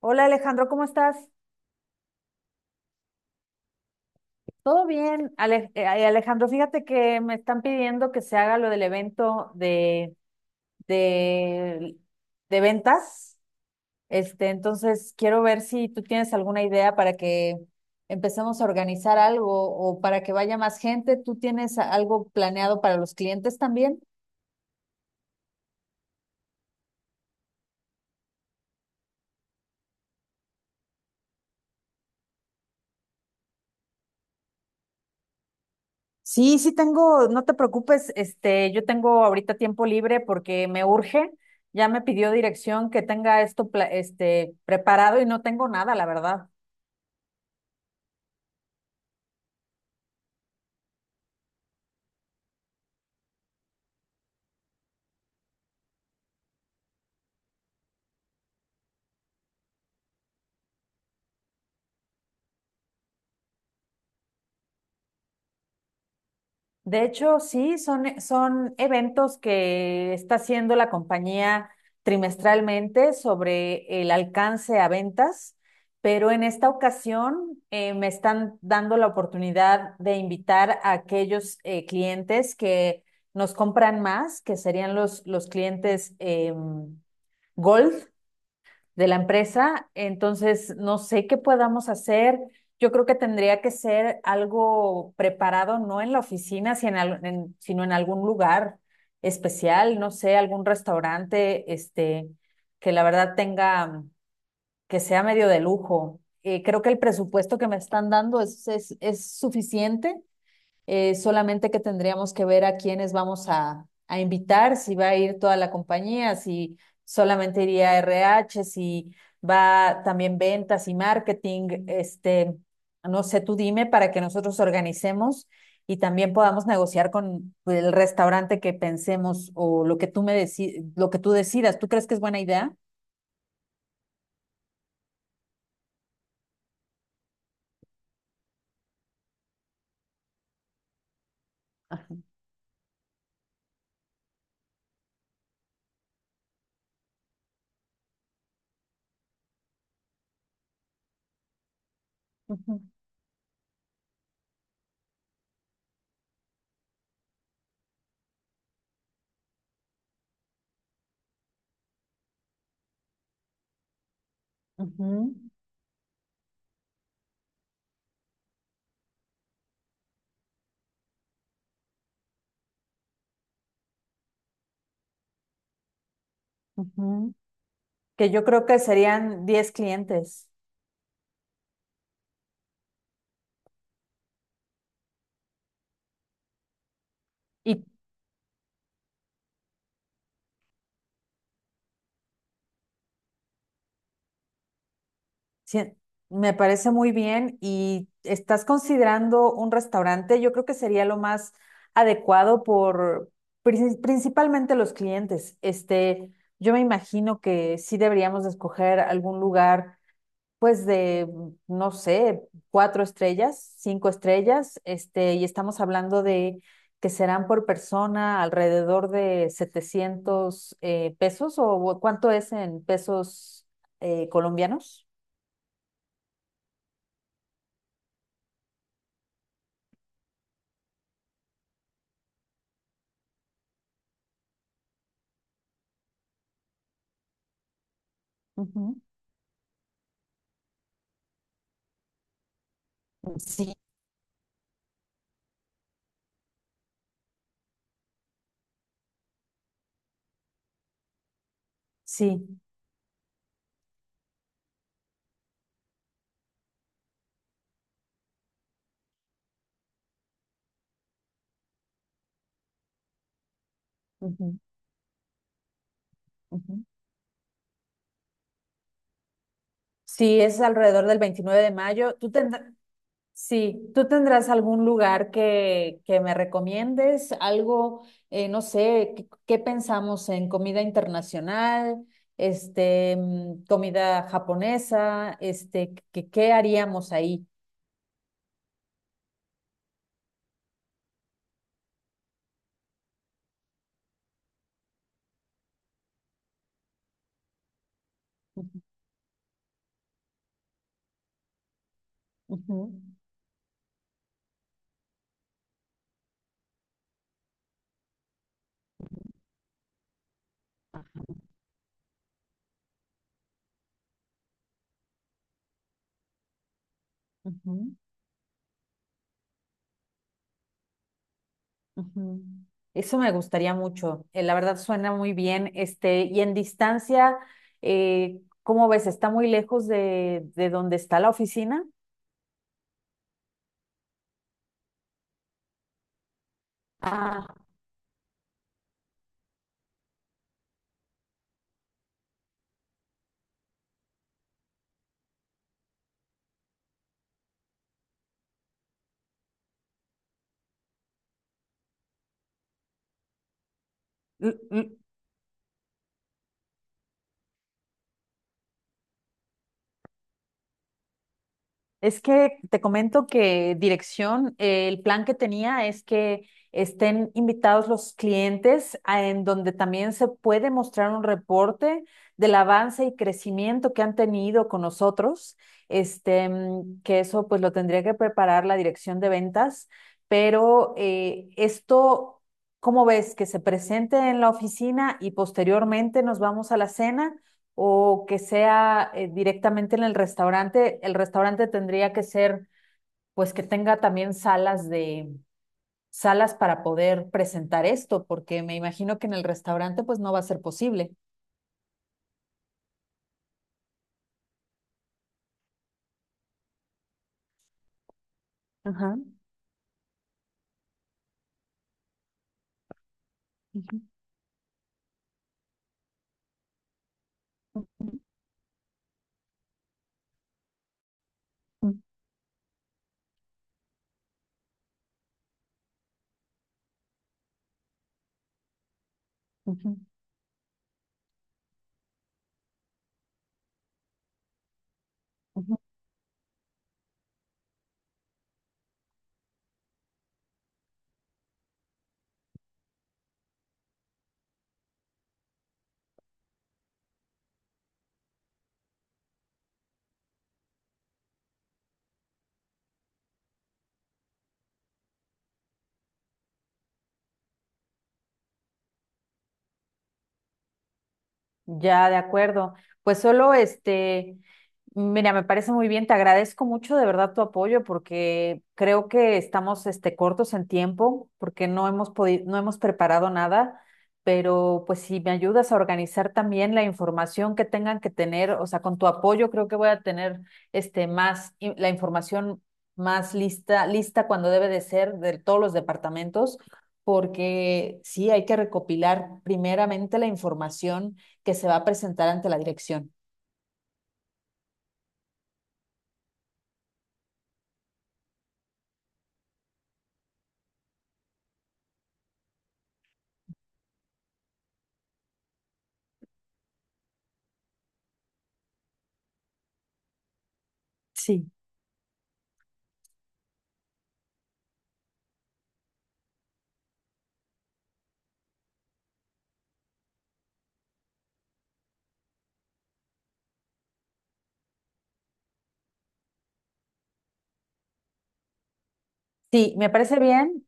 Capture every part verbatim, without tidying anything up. Hola Alejandro, ¿cómo estás? ¿Todo bien? Ale- eh, Alejandro, fíjate que me están pidiendo que se haga lo del evento de, de, de ventas. Este, entonces quiero ver si tú tienes alguna idea para que empecemos a organizar algo o para que vaya más gente. ¿Tú tienes a- algo planeado para los clientes también? Sí, sí tengo, no te preocupes, este, yo tengo ahorita tiempo libre porque me urge. Ya me pidió dirección que tenga esto, pla- este, preparado y no tengo nada, la verdad. De hecho, sí, son, eh, son eventos que está haciendo la compañía trimestralmente sobre el alcance a ventas, pero en esta ocasión eh, me están dando la oportunidad de invitar a aquellos eh, clientes que nos compran más, que serían los, los clientes em, Gold, de la empresa. Entonces, no sé qué podamos hacer. Yo creo que tendría que ser algo preparado, no en la oficina, sino en, al- en- sino en algún lugar especial, no sé, algún restaurante, este, que la verdad tenga, que sea medio de lujo. Eh, creo que el presupuesto que me están dando es, es, es suficiente, eh, solamente que tendríamos que ver a quiénes vamos a, a invitar, si va a ir toda la compañía, si solamente iría R H, si va también ventas y marketing, este, no sé, tú dime para que nosotros organicemos y también podamos negociar con, pues, el restaurante que pensemos o lo que tú me deci- lo que tú decidas. ¿Tú crees que es buena idea? Ah, ujú, ujú, ujú. Que yo creo que serían diez clientes. Y sí, me parece muy bien. ¿Y estás considerando un restaurante? Yo creo que sería lo más adecuado por prin- principalmente los clientes. Este, yo me imagino que sí deberíamos de escoger algún lugar, pues de, no sé, cuatro estrellas, cinco estrellas. Este, y estamos hablando de que serán por persona alrededor de setecientos eh, pesos, o cuánto es en pesos eh, colombianos. Ujú. Sí, sí. Ujú, ujú. Sí, es alrededor del veintinueve de mayo. ¿Tú tendrás, sí, tú tendrás algún lugar que, que me recomiendes? Algo, eh, no sé. ¿qué, qué, pensamos, en comida internacional, este, mm, comida japonesa, este? ¿qué, qué haríamos ahí? Ujú, ujú, ujú. Ujú. Eso me gustaría mucho. Eh, la verdad suena muy bien. Este, y en distancia, eh, ¿cómo ves? ¿Está muy lejos de, de donde está la oficina? Ah, L- l- es que te comento que dirección, eh, el plan que tenía es que estén invitados los clientes a- en donde también se puede mostrar un reporte del avance y crecimiento que han tenido con nosotros. Este, mm, que eso pues lo tendría que preparar la dirección de ventas, pero eh, esto, ¿cómo ves? Que se presente en la oficina y posteriormente nos vamos a la cena, o que sea eh, directamente en el restaurante. El restaurante tendría que ser, pues, que tenga también salas de salas para poder presentar esto, porque me imagino que en el restaurante, pues, no va a ser posible. Ajá. Ujú, ujú, ujú, ujú. Ya, de acuerdo. Pues solo este, mira, me parece muy bien, te agradezco mucho de verdad tu apoyo, porque creo que estamos este cortos en tiempo porque no hemos podido, no hemos preparado nada, pero pues si me ayudas a organizar también la información que tengan que tener, o sea, con tu apoyo creo que voy a tener este más in- la información más lista, lista cuando debe de ser, de todos los departamentos, porque sí hay que recopilar primeramente la información que se va a presentar ante la dirección. Sí. Sí, me parece bien,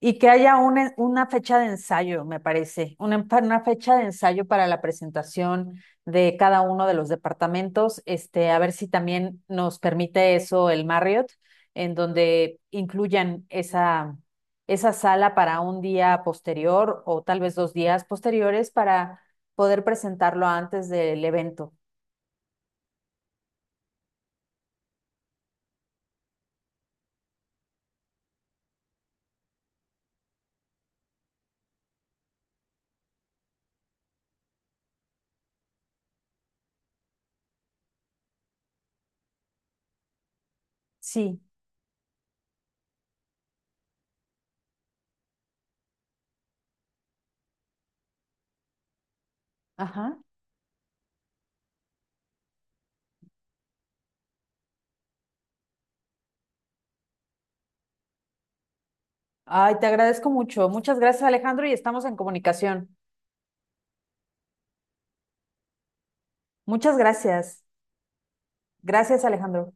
y que haya una, una fecha de ensayo, me parece, una, una fecha de ensayo para la presentación de cada uno de los departamentos, este, a ver si también nos permite eso el Marriott, en donde incluyan esa, esa sala para un día posterior o tal vez dos días posteriores para poder presentarlo antes del evento. Sí. Ajá. Ay, te agradezco mucho. Muchas gracias, Alejandro, y estamos en comunicación. Muchas gracias. Gracias, Alejandro.